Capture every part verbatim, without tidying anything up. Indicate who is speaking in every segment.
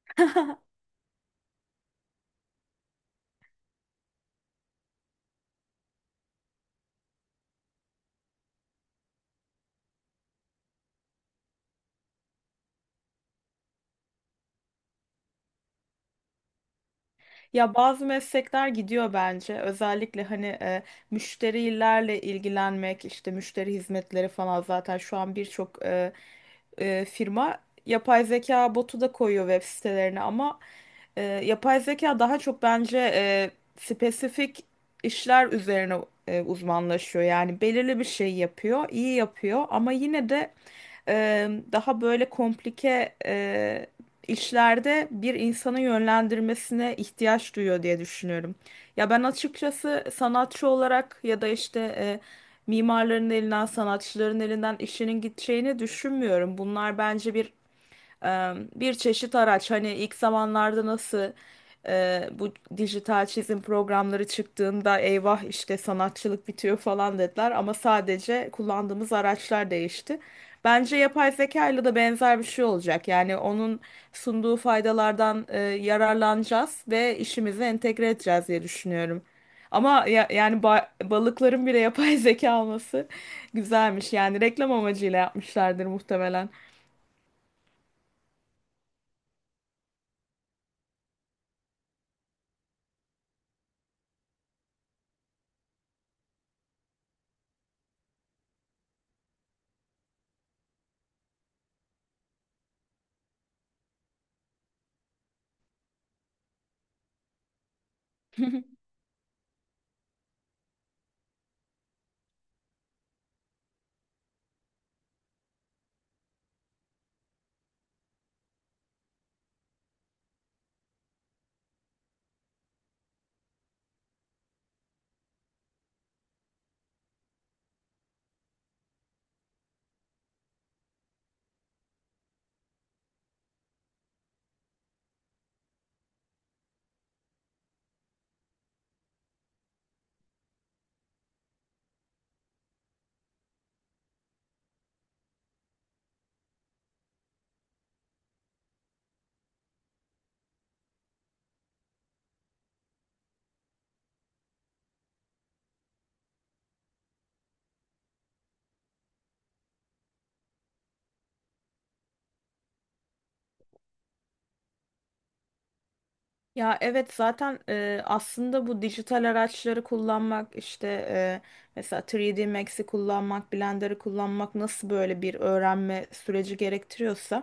Speaker 1: Ya bazı meslekler gidiyor bence. Özellikle hani e, müşterilerle ilgilenmek, işte müşteri hizmetleri falan zaten şu an birçok e, e, firma yapay zeka botu da koyuyor web sitelerine ama e, yapay zeka daha çok bence e, spesifik işler üzerine e, uzmanlaşıyor. Yani belirli bir şey yapıyor, iyi yapıyor ama yine de e, daha böyle komplike e, işlerde bir insanı yönlendirmesine ihtiyaç duyuyor diye düşünüyorum. Ya ben açıkçası sanatçı olarak ya da işte e, mimarların elinden, sanatçıların elinden işinin gideceğini düşünmüyorum. Bunlar bence bir e, bir çeşit araç. Hani ilk zamanlarda nasıl e, bu dijital çizim programları çıktığında eyvah işte sanatçılık bitiyor falan dediler ama sadece kullandığımız araçlar değişti. Bence yapay zeka ile de benzer bir şey olacak. Yani onun sunduğu faydalardan e, yararlanacağız ve işimize entegre edeceğiz diye düşünüyorum. Ama ya- yani ba- balıkların bile yapay zeka olması güzelmiş. Yani reklam amacıyla yapmışlardır muhtemelen. Ya evet zaten e, aslında bu dijital araçları kullanmak işte e, mesela üç D Max'i kullanmak, Blender'ı kullanmak nasıl böyle bir öğrenme süreci gerektiriyorsa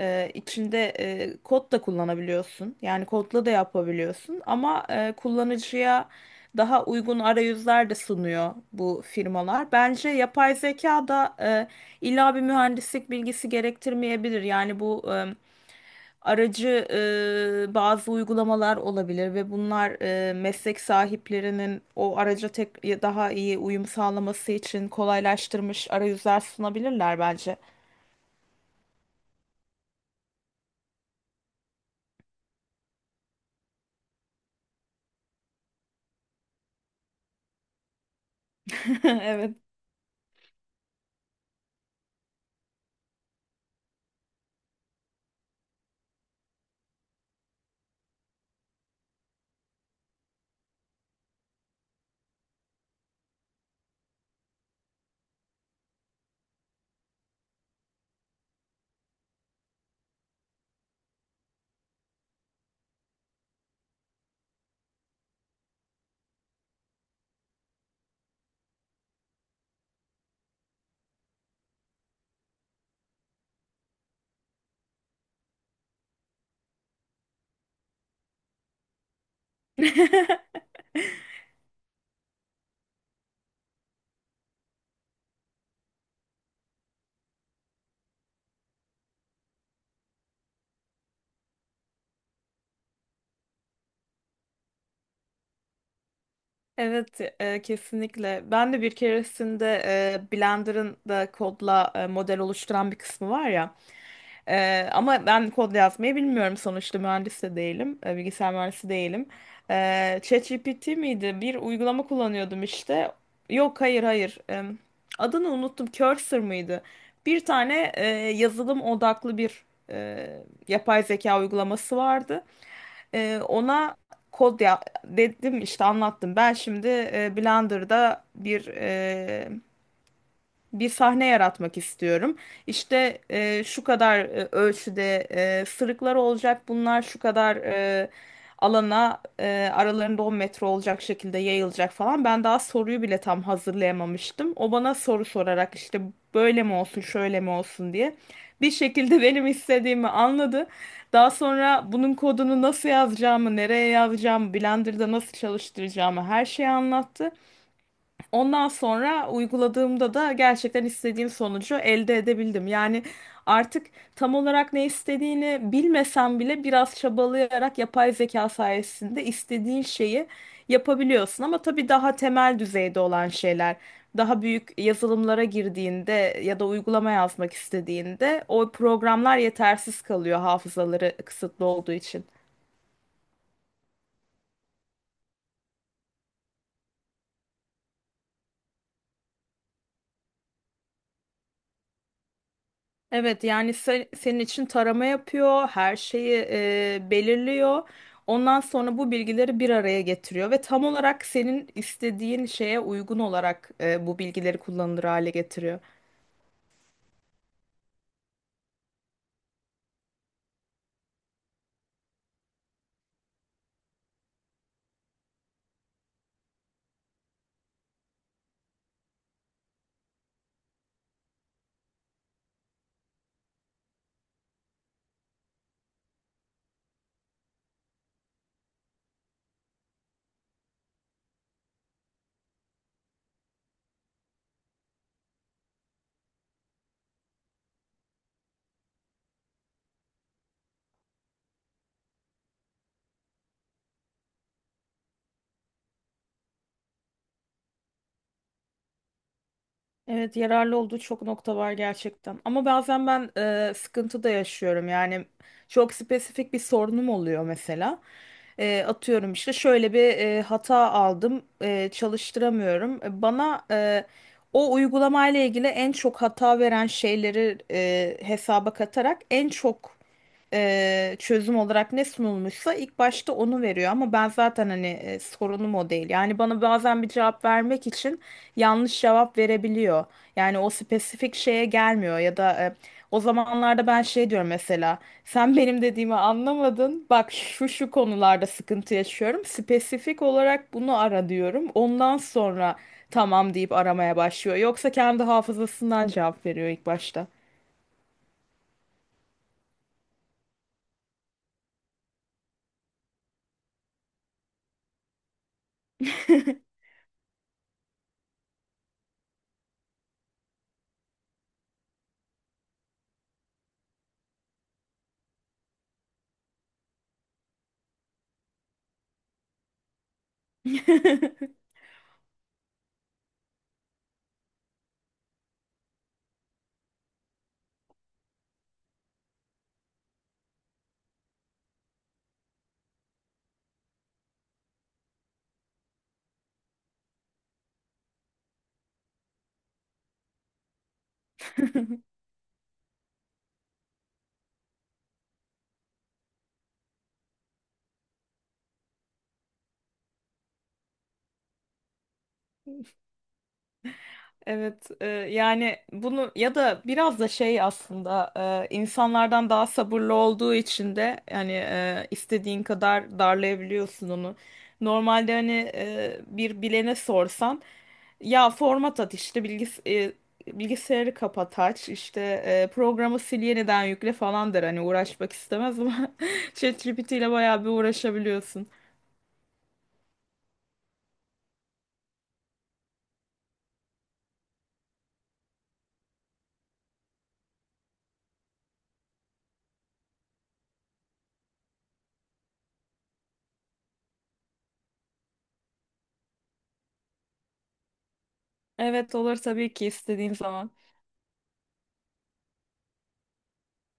Speaker 1: e, içinde e, kod da kullanabiliyorsun. Yani kodla da yapabiliyorsun ama e, kullanıcıya daha uygun arayüzler de sunuyor bu firmalar. Bence yapay zeka da e, illa bir mühendislik bilgisi gerektirmeyebilir. Yani bu aracı e, bazı uygulamalar olabilir ve bunlar e, meslek sahiplerinin o araca tek daha iyi uyum sağlaması için kolaylaştırmış arayüzler sunabilirler bence. Evet. Evet, e, kesinlikle. Ben de bir keresinde e, Blender'ın da kodla e, model oluşturan bir kısmı var ya. E, ama ben kod yazmayı bilmiyorum sonuçta mühendis de değilim. e, bilgisayar mühendisi değilim. E, ChatGPT miydi? Bir uygulama kullanıyordum işte. Yok, hayır, hayır. E, adını unuttum. Cursor mıydı? Bir tane e, yazılım odaklı bir e, yapay zeka uygulaması vardı. Ee, ona kod ya dedim işte anlattım. Ben şimdi e, Blender'da bir e, bir sahne yaratmak istiyorum. İşte e, şu kadar e, ölçüde e, sırıklar olacak. Bunlar şu kadar e, alana e, aralarında on metre olacak şekilde yayılacak falan. Ben daha soruyu bile tam hazırlayamamıştım. O bana soru sorarak işte böyle mi olsun, şöyle mi olsun diye bir şekilde benim istediğimi anladı. Daha sonra bunun kodunu nasıl yazacağımı, nereye yazacağımı, Blender'da nasıl çalıştıracağımı her şeyi anlattı. Ondan sonra uyguladığımda da gerçekten istediğim sonucu elde edebildim. Yani artık tam olarak ne istediğini bilmesem bile biraz çabalayarak yapay zeka sayesinde istediğin şeyi yapabiliyorsun. Ama tabii daha temel düzeyde olan şeyler, daha büyük yazılımlara girdiğinde ya da uygulama yazmak istediğinde o programlar yetersiz kalıyor hafızaları kısıtlı olduğu için. Evet, yani se- senin için tarama yapıyor, her şeyi e, belirliyor. Ondan sonra bu bilgileri bir araya getiriyor ve tam olarak senin istediğin şeye uygun olarak e, bu bilgileri kullanılır hale getiriyor. Evet, yararlı olduğu çok nokta var gerçekten. Ama bazen ben e, sıkıntı da yaşıyorum. Yani çok spesifik bir sorunum oluyor mesela. E, atıyorum işte şöyle bir e, hata aldım, e, çalıştıramıyorum. E, Bana e, o uygulamayla ilgili en çok hata veren şeyleri e, hesaba katarak en çok e, çözüm olarak ne sunulmuşsa ilk başta onu veriyor ama ben zaten hani e, sorunum o değil. Yani bana bazen bir cevap vermek için yanlış cevap verebiliyor. Yani o spesifik şeye gelmiyor ya da e, o zamanlarda ben şey diyorum mesela, sen benim dediğimi anlamadın, bak şu şu konularda sıkıntı yaşıyorum, spesifik olarak bunu ara diyorum, ondan sonra tamam deyip aramaya başlıyor yoksa kendi hafızasından cevap veriyor ilk başta. Evet, e, yani bunu ya da biraz da şey aslında e, insanlardan daha sabırlı olduğu için de, yani e, istediğin kadar darlayabiliyorsun onu. Normalde hani e, bir bilene sorsan ya format at işte bilgis e, bilgisayarı kapat aç işte e, programı sil yeniden yükle falan der, hani uğraşmak istemez ama ChatGPT ile bayağı bir uğraşabiliyorsun. Evet, olur tabii ki, istediğin zaman.